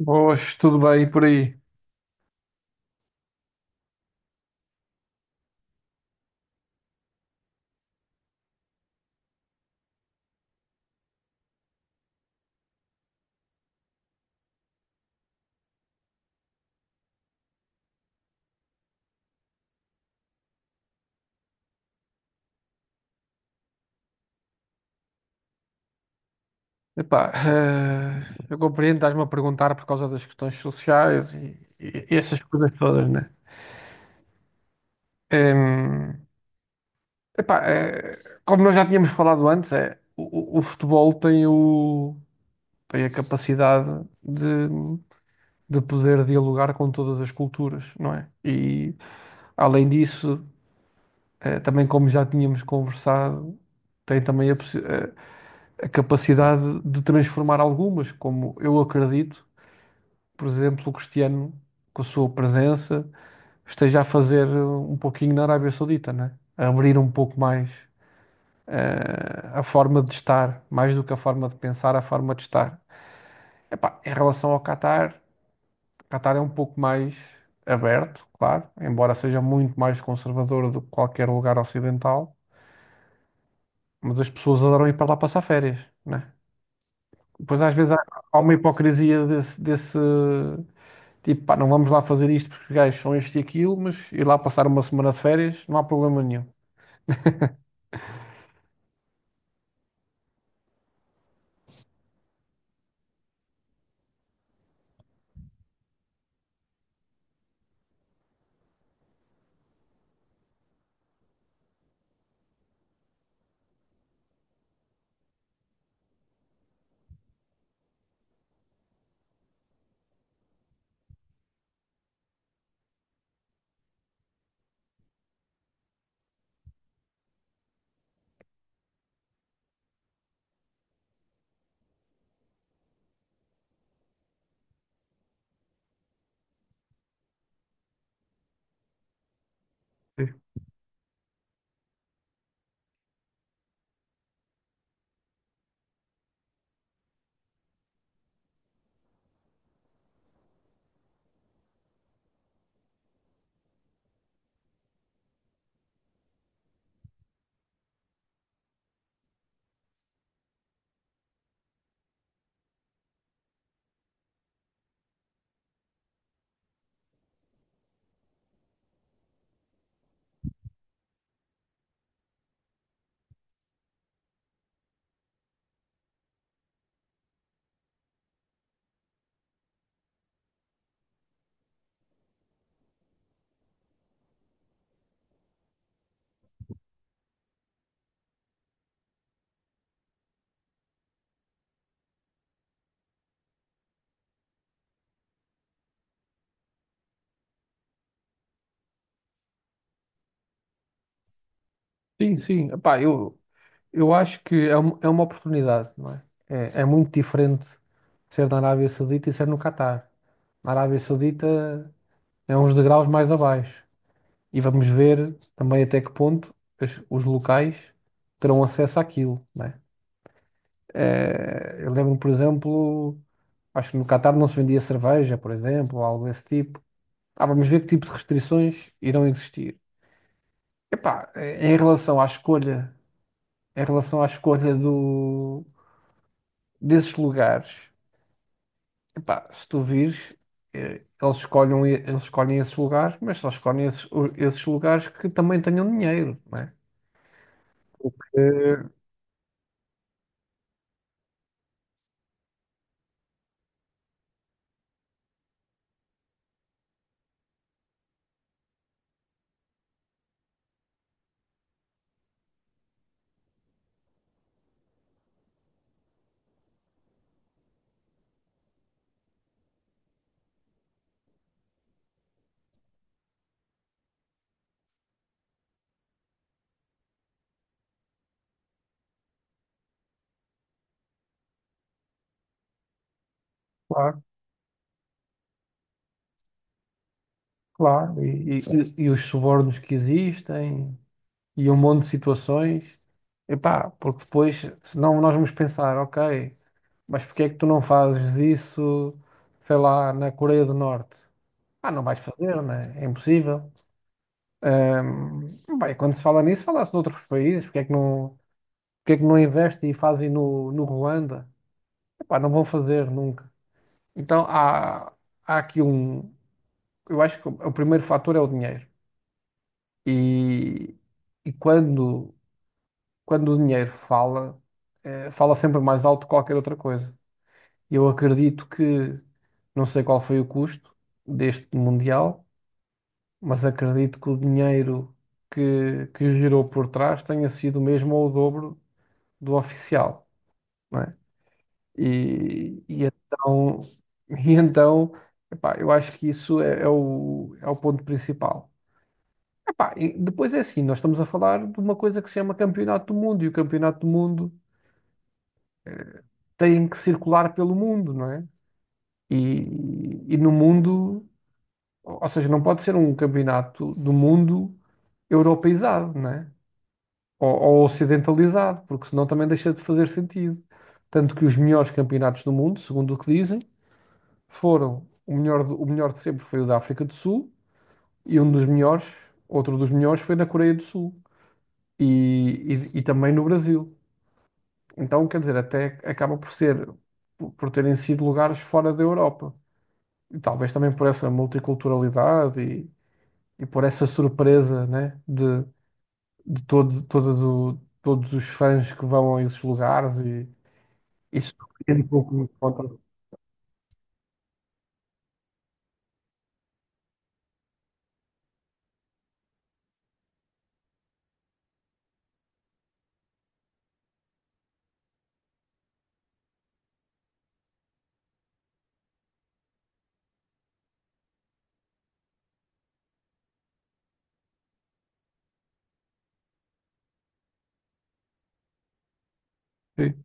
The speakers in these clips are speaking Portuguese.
Boas, tudo bem por aí? Epá, eu compreendo, estás-me a perguntar por causa das questões sociais e essas coisas todas, né? Em, epá, como nós já tínhamos falado antes, é, o futebol tem, tem a capacidade de, de poder dialogar com todas as culturas, não é? E além disso, também como já tínhamos conversado, tem também a capacidade de transformar algumas, como eu acredito. Por exemplo, o Cristiano, com a sua presença, esteja a fazer um pouquinho na Arábia Saudita, né? A abrir um pouco mais a forma de estar, mais do que a forma de pensar, a forma de estar. Epá, em relação ao Qatar, o Qatar é um pouco mais aberto, claro, embora seja muito mais conservador do que qualquer lugar ocidental, mas as pessoas adoram ir para lá passar férias, né? Pois às vezes há, há uma hipocrisia desse. Tipo, pá, não vamos lá fazer isto porque os gajos são isto e aquilo, mas ir lá passar uma semana de férias não há problema nenhum. Sim, sim. Epá, eu acho que é, é uma oportunidade, não é? É, é muito diferente ser na Arábia Saudita e ser no Catar. Na Arábia Saudita é uns degraus mais abaixo. E vamos ver também até que ponto os locais terão acesso àquilo, não é? Eu lembro, por exemplo, acho que no Catar não se vendia cerveja, por exemplo, ou algo desse tipo. Ah, vamos ver que tipo de restrições irão existir. Epá, em relação à escolha, em relação à escolha do, desses lugares, epá, se tu vires, eles escolhem esses lugares, mas só escolhem esses, esses lugares que também tenham dinheiro, não é? O que, claro, claro, e os subornos que existem, e um monte de situações, epá, porque depois, senão nós vamos pensar, ok. Mas porque é que tu não fazes isso, sei lá, na Coreia do Norte? Ah, não vais fazer, né? É impossível. Ahm, bem, quando se fala nisso, fala-se noutros países. Porque é que não, porque é que não investem e fazem no, no Ruanda? Epá, não vão fazer nunca. Então há, há aqui um. Eu acho que o primeiro fator é o dinheiro. E, e quando, quando o dinheiro fala, fala sempre mais alto que qualquer outra coisa. Eu acredito que, não sei qual foi o custo deste Mundial, mas acredito que o dinheiro que girou por trás tenha sido o mesmo ou o dobro do oficial, não é? E então, e então epá, eu acho que isso é, é o ponto principal. Epá, e depois é assim, nós estamos a falar de uma coisa que se chama Campeonato do Mundo, e o Campeonato do Mundo tem que circular pelo mundo, não é? E, e no mundo. Ou seja, não pode ser um campeonato do mundo europeizado, né? Ou ocidentalizado, porque senão também deixa de fazer sentido. Tanto que os melhores campeonatos do mundo, segundo o que dizem, foram o melhor, o melhor de sempre foi o da África do Sul e um dos melhores, outro dos melhores foi na Coreia do Sul e, e também no Brasil. Então, quer dizer, até acaba por ser, por terem sido lugares fora da Europa. E talvez também por essa multiculturalidade e por essa surpresa, né, de, de todos os fãs que vão a esses lugares e isso surpreende um pouco me conta. Sim,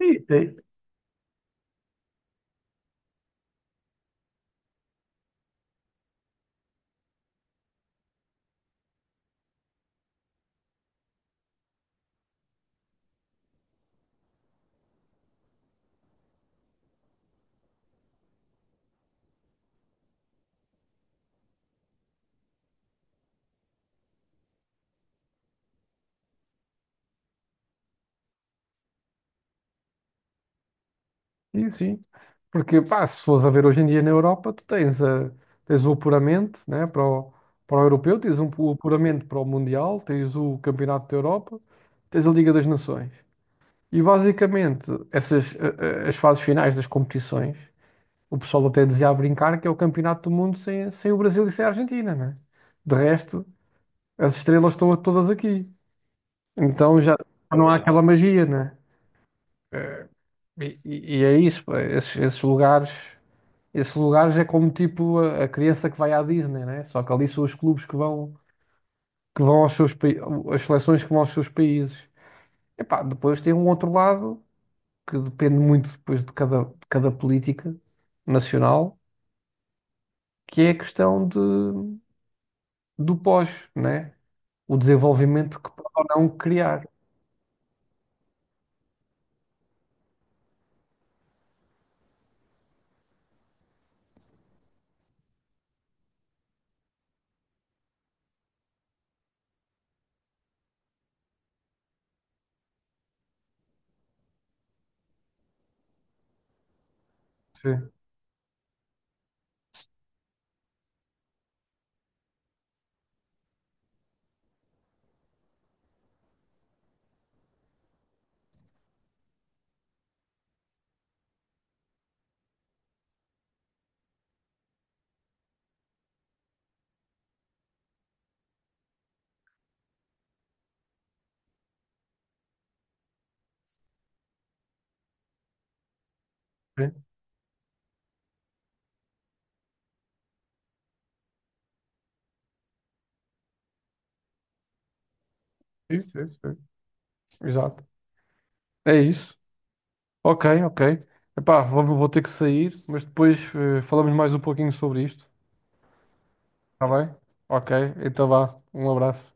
sim, sim. Sim, sim. Porque pá, se fores a ver hoje em dia na Europa, tu tens, a, tens o apuramento né, para o, para o europeu, tens um, o apuramento para o Mundial, tens o Campeonato da Europa, tens a Liga das Nações. E basicamente, essas as fases finais das competições, o pessoal até dizia a brincar que é o Campeonato do Mundo sem, sem o Brasil e sem a Argentina, né? De resto, as estrelas estão todas aqui. Então já não há aquela magia, né? Eh, e é isso, pá, esses, esses lugares é como tipo a criança que vai à Disney, né? Só que ali são os clubes que vão aos seus países, as seleções que vão aos seus países. Epá, depois tem um outro lado que depende muito depois de cada política nacional, que é a questão de, do pós, né? O desenvolvimento que pode ou não criar. Sim, sim, sim, sim, sim. Exato. É isso. Ok, ok. Epá, vou, vou ter que sair, mas depois falamos mais um pouquinho sobre isto. Está bem? Ok, então vá. Um abraço.